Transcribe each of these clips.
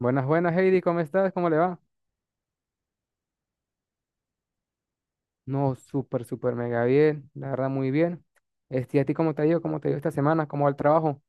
Buenas, buenas, Heidi, ¿cómo estás? ¿Cómo le va? No, súper, súper, mega bien, la verdad, muy bien. ¿A ti cómo te ha ido? ¿Cómo te ha ido esta semana? ¿Cómo va el trabajo?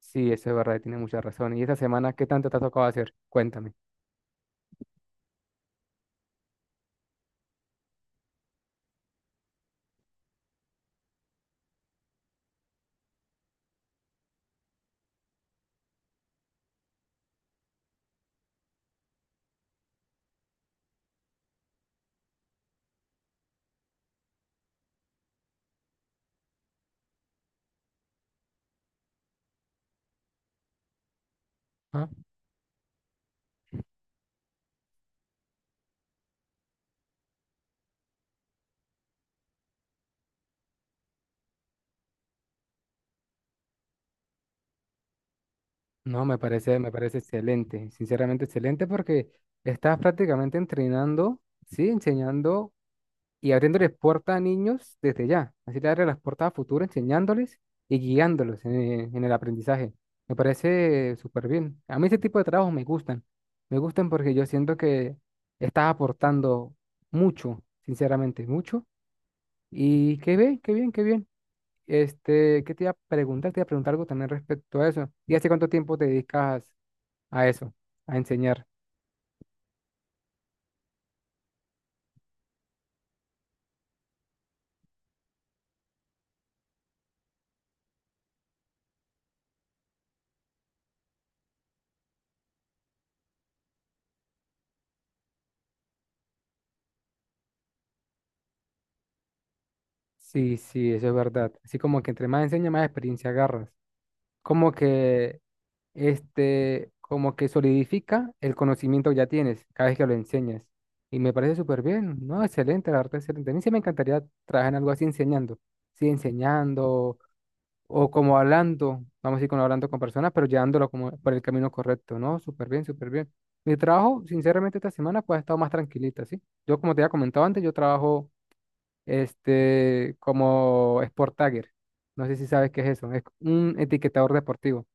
Sí, eso es verdad, tiene mucha razón. ¿Y esta semana qué tanto te ha tocado hacer? Cuéntame. Ah, no, me parece excelente, sinceramente excelente, porque estás prácticamente entrenando, sí, enseñando y abriéndoles puertas a niños desde ya. Así le abre las puertas a futuro, enseñándoles y guiándolos en el aprendizaje. Me parece súper bien. A mí ese tipo de trabajos me gustan. Me gustan porque yo siento que estás aportando mucho, sinceramente, mucho. Y qué bien, qué bien, qué bien. ¿Qué te iba a preguntar? Te iba a preguntar algo también respecto a eso. ¿Y hace cuánto tiempo te dedicas a eso, a enseñar? Sí, sí, eso es verdad. Así como que entre más enseñas, más experiencia agarras. como que como que solidifica el conocimiento que ya tienes cada vez que lo enseñas. Y me parece súper bien, ¿no? Excelente, la verdad, excelente. A mí sí me encantaría trabajar en algo así enseñando, sí, enseñando o como hablando, vamos a decir, como hablando con personas, pero llevándolo como por el camino correcto, ¿no? Súper bien, súper bien. Mi trabajo, sinceramente, esta semana pues ha estado más tranquilita, ¿sí? Yo, como te había comentado antes, yo trabajo como Sport Tagger. No sé si sabes qué es eso. Es un etiquetador deportivo.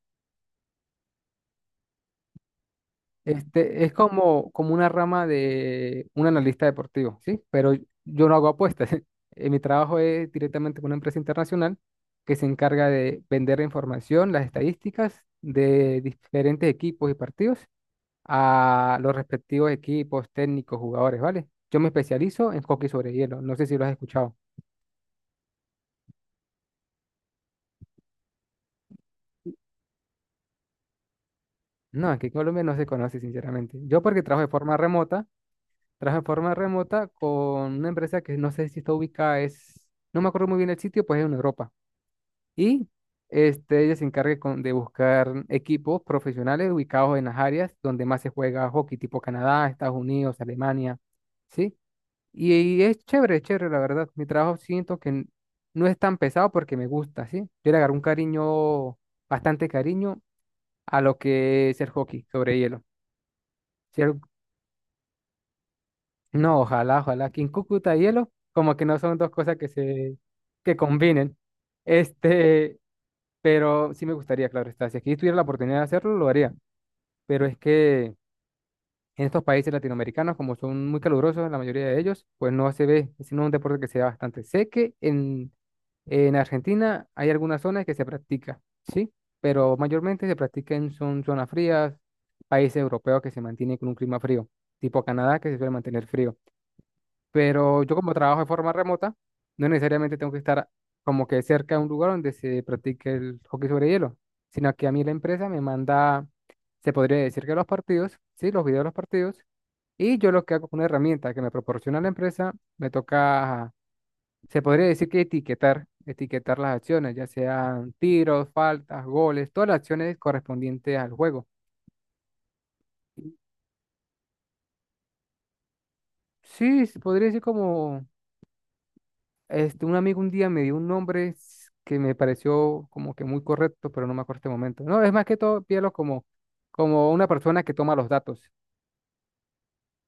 Es como una rama de un analista deportivo, ¿sí? Pero yo no hago apuestas. Mi trabajo es directamente con una empresa internacional que se encarga de vender la información, las estadísticas de diferentes equipos y partidos a los respectivos equipos, técnicos, jugadores, ¿vale? Yo me especializo en hockey sobre hielo. No sé si lo has escuchado. No, aquí en Colombia no se conoce, sinceramente. Yo porque trabajo de forma remota. Trabajo de forma remota con una empresa que no sé si está ubicada, no me acuerdo muy bien el sitio, pues es en Europa. Y ella se encarga de buscar equipos profesionales ubicados en las áreas donde más se juega hockey, tipo Canadá, Estados Unidos, Alemania, ¿sí? Y es chévere, la verdad. Mi trabajo siento que no es tan pesado porque me gusta, ¿sí? Yo le agarré un cariño, bastante cariño a lo que es el hockey sobre hielo. ¿Sí? No, ojalá, ojalá. Aquí en Cúcuta y hielo, como que no son dos cosas que se que combinen. Este, pero sí me gustaría, claro está. Si aquí tuviera la oportunidad de hacerlo, lo haría. Pero es que en estos países latinoamericanos, como son muy calurosos, la mayoría de ellos, pues no se ve, sino un deporte que se da bastante. Sé que en Argentina hay algunas zonas que se practica, ¿sí? Pero mayormente se practica en son zonas frías, países europeos que se mantienen con un clima frío, tipo Canadá, que se suele mantener frío, pero yo como trabajo de forma remota, no necesariamente tengo que estar como que cerca de un lugar donde se practique el hockey sobre hielo, sino que a mí la empresa me manda, se podría decir que los partidos, sí, los videos de los partidos, y yo lo que hago con una herramienta que me proporciona la empresa, me toca, se podría decir que etiquetar las acciones, ya sean tiros, faltas, goles, todas las acciones correspondientes al juego. Sí, se podría decir como. Un amigo un día me dio un nombre que me pareció como que muy correcto, pero no me acuerdo este momento. No, es más que todo, pídelo como una persona que toma los datos,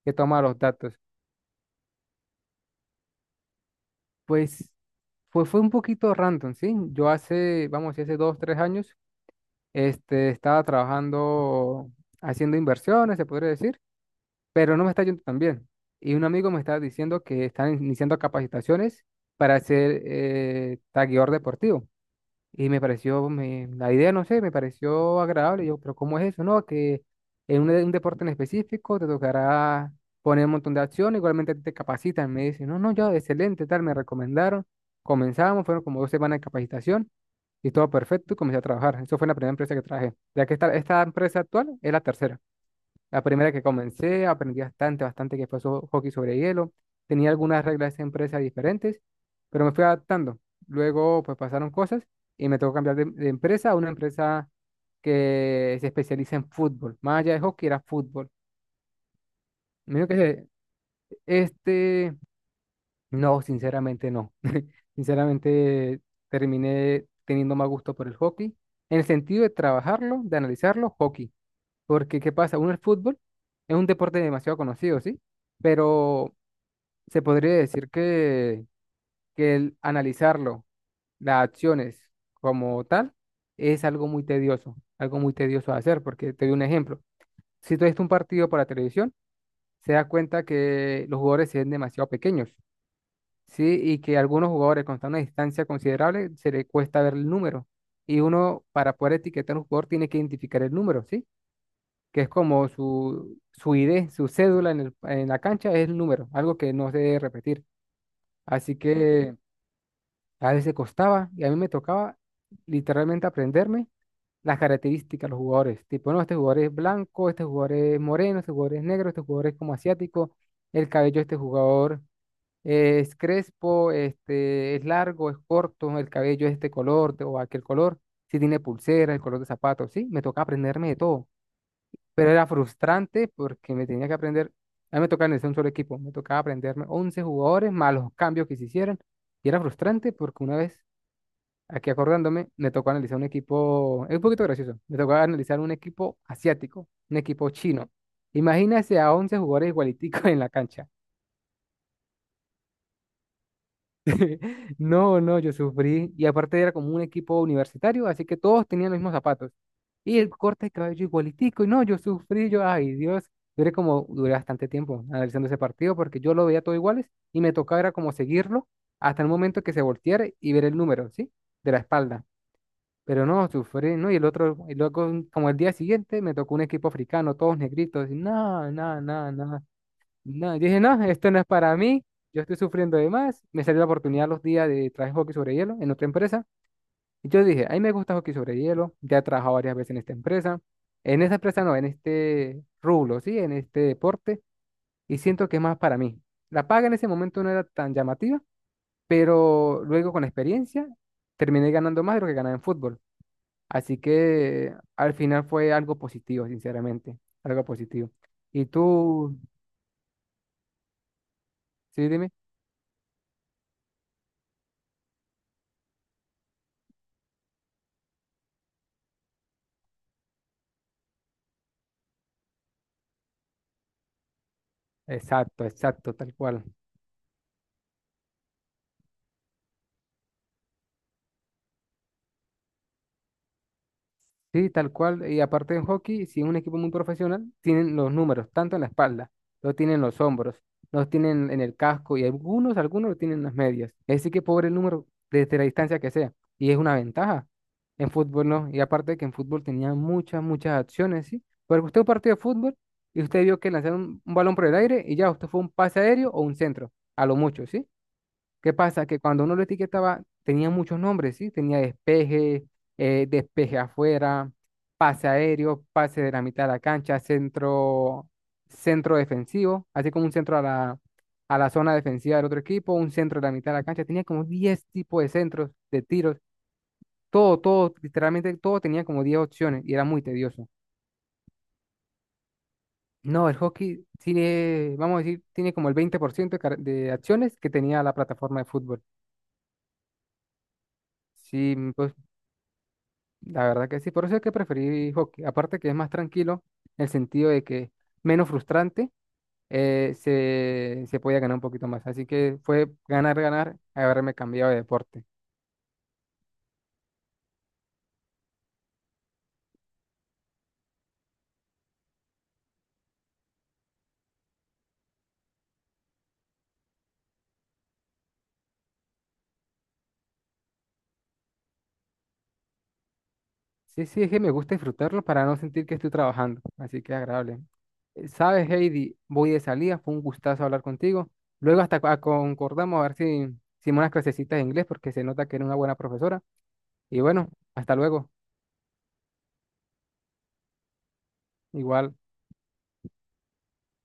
que toma los datos. Pues fue un poquito random, ¿sí? Yo hace, vamos, a decir, hace dos, tres años, estaba trabajando, haciendo inversiones, se podría decir, pero no me está yendo tan bien. Y un amigo me estaba diciendo que están iniciando capacitaciones para ser tagueador deportivo. Y me pareció, la idea, no sé, me pareció agradable. Yo, pero ¿cómo es eso, no? Que un deporte en específico te tocará poner un montón de acción, igualmente a ti te capacitan. Me dicen, no, no, yo, excelente, tal, me recomendaron. Comenzamos, fueron como dos semanas de capacitación y todo perfecto y comencé a trabajar. Eso fue la primera empresa que trabajé. Ya que esta empresa actual es la tercera. La primera que comencé, aprendí bastante, bastante que fue hockey sobre hielo. Tenía algunas reglas de empresa diferentes, pero me fui adaptando. Luego, pues pasaron cosas y me tocó cambiar de empresa a una empresa que se especializa en fútbol. Más allá de hockey, era fútbol. Me dijo que este, no, sinceramente no. Sinceramente, terminé teniendo más gusto por el hockey. En el sentido de trabajarlo, de analizarlo, hockey. Porque, ¿qué pasa? Uno, el fútbol es un deporte demasiado conocido, ¿sí? Pero se podría decir que el analizarlo, las acciones como tal, es algo muy tedioso de hacer, porque te doy un ejemplo. Si tú ves un partido por la televisión, se da cuenta que los jugadores se ven demasiado pequeños, ¿sí? Y que algunos jugadores con una distancia considerable se le cuesta ver el número. Y uno, para poder etiquetar a un jugador, tiene que identificar el número, ¿sí? Que es como su ID, su cédula en la cancha es el número, algo que no se debe repetir. Así que a veces costaba y a mí me tocaba literalmente aprenderme las características de los jugadores. Tipo, no, este jugador es blanco, este jugador es moreno, este jugador es negro, este jugador es como asiático, el cabello de este jugador es crespo, este es largo, es corto, el cabello es este color o aquel color, si tiene pulsera, el color de zapatos, sí, me tocaba aprenderme de todo, pero era frustrante porque me tenía que aprender, a mí me tocaba en un solo equipo, me tocaba aprenderme 11 jugadores más los cambios que se hicieran, y era frustrante porque una vez, aquí acordándome, me tocó analizar un equipo, es un poquito gracioso, me tocó analizar un equipo asiático, un equipo chino. Imagínese a 11 jugadores igualiticos en la cancha. No, no, yo sufrí. Y aparte era como un equipo universitario, así que todos tenían los mismos zapatos. Y el corte de cabello igualitico. Y no, yo sufrí, yo, ay Dios, duré bastante tiempo analizando ese partido porque yo lo veía todo iguales y me tocaba era como seguirlo hasta el momento que se volteara y ver el número, ¿sí? De la espalda. Pero no, sufrí, ¿no? Y luego como el día siguiente me tocó un equipo africano, todos negritos. Y no, no, no, no. No, yo dije, no, esto no es para mí, yo estoy sufriendo de más. Me salió la oportunidad los días de trabajar hockey sobre hielo en otra empresa. Y yo dije, a mí me gusta hockey sobre hielo, ya he trabajado varias veces en esta empresa. En esa empresa no, en este rublo, sí, en este deporte. Y siento que es más para mí. La paga en ese momento no era tan llamativa, pero luego con la experiencia terminé ganando más de lo que ganaba en fútbol. Así que al final fue algo positivo, sinceramente, algo positivo. ¿Y tú? Sí, dime. Exacto, exacto, tal cual. Sí, tal cual. Y aparte en hockey, si es un equipo muy profesional, tienen los números, tanto en la espalda, los tienen en los hombros, los tienen en el casco y algunos lo tienen en las medias. Así que pobre el número desde la distancia que sea. Y es una ventaja. En fútbol no. Y aparte que en fútbol tenía muchas, muchas acciones, ¿sí? Porque usted un partido de fútbol y usted vio que lanzaron un balón por el aire y ya, usted fue un pase aéreo o un centro, a lo mucho, ¿sí? ¿Qué pasa? Que cuando uno lo etiquetaba, tenía muchos nombres, ¿sí? Tenía despeje, despeje afuera, pase aéreo, pase de la mitad de la cancha, centro, centro defensivo, así como un centro a la, zona defensiva del otro equipo, un centro de la mitad de la cancha. Tenía como 10 tipos de centros, de tiros, todo, todo, literalmente todo tenía como 10 opciones y era muy tedioso. No, el hockey tiene, vamos a decir, tiene como el 20% de acciones que tenía la plataforma de fútbol. Sí, pues, la verdad que sí, por eso es que preferí hockey. Aparte que es más tranquilo, en el sentido de que menos frustrante, se podía ganar un poquito más. Así que fue ganar, ganar, haberme cambiado de deporte. Sí, sí, es que me gusta disfrutarlo para no sentir que estoy trabajando. Así que agradable. Sabes, Heidi, voy de salida, fue un gustazo hablar contigo. Luego hasta concordamos a ver si, unas clasecitas de inglés, porque se nota que eres una buena profesora. Y bueno, hasta luego. Igual.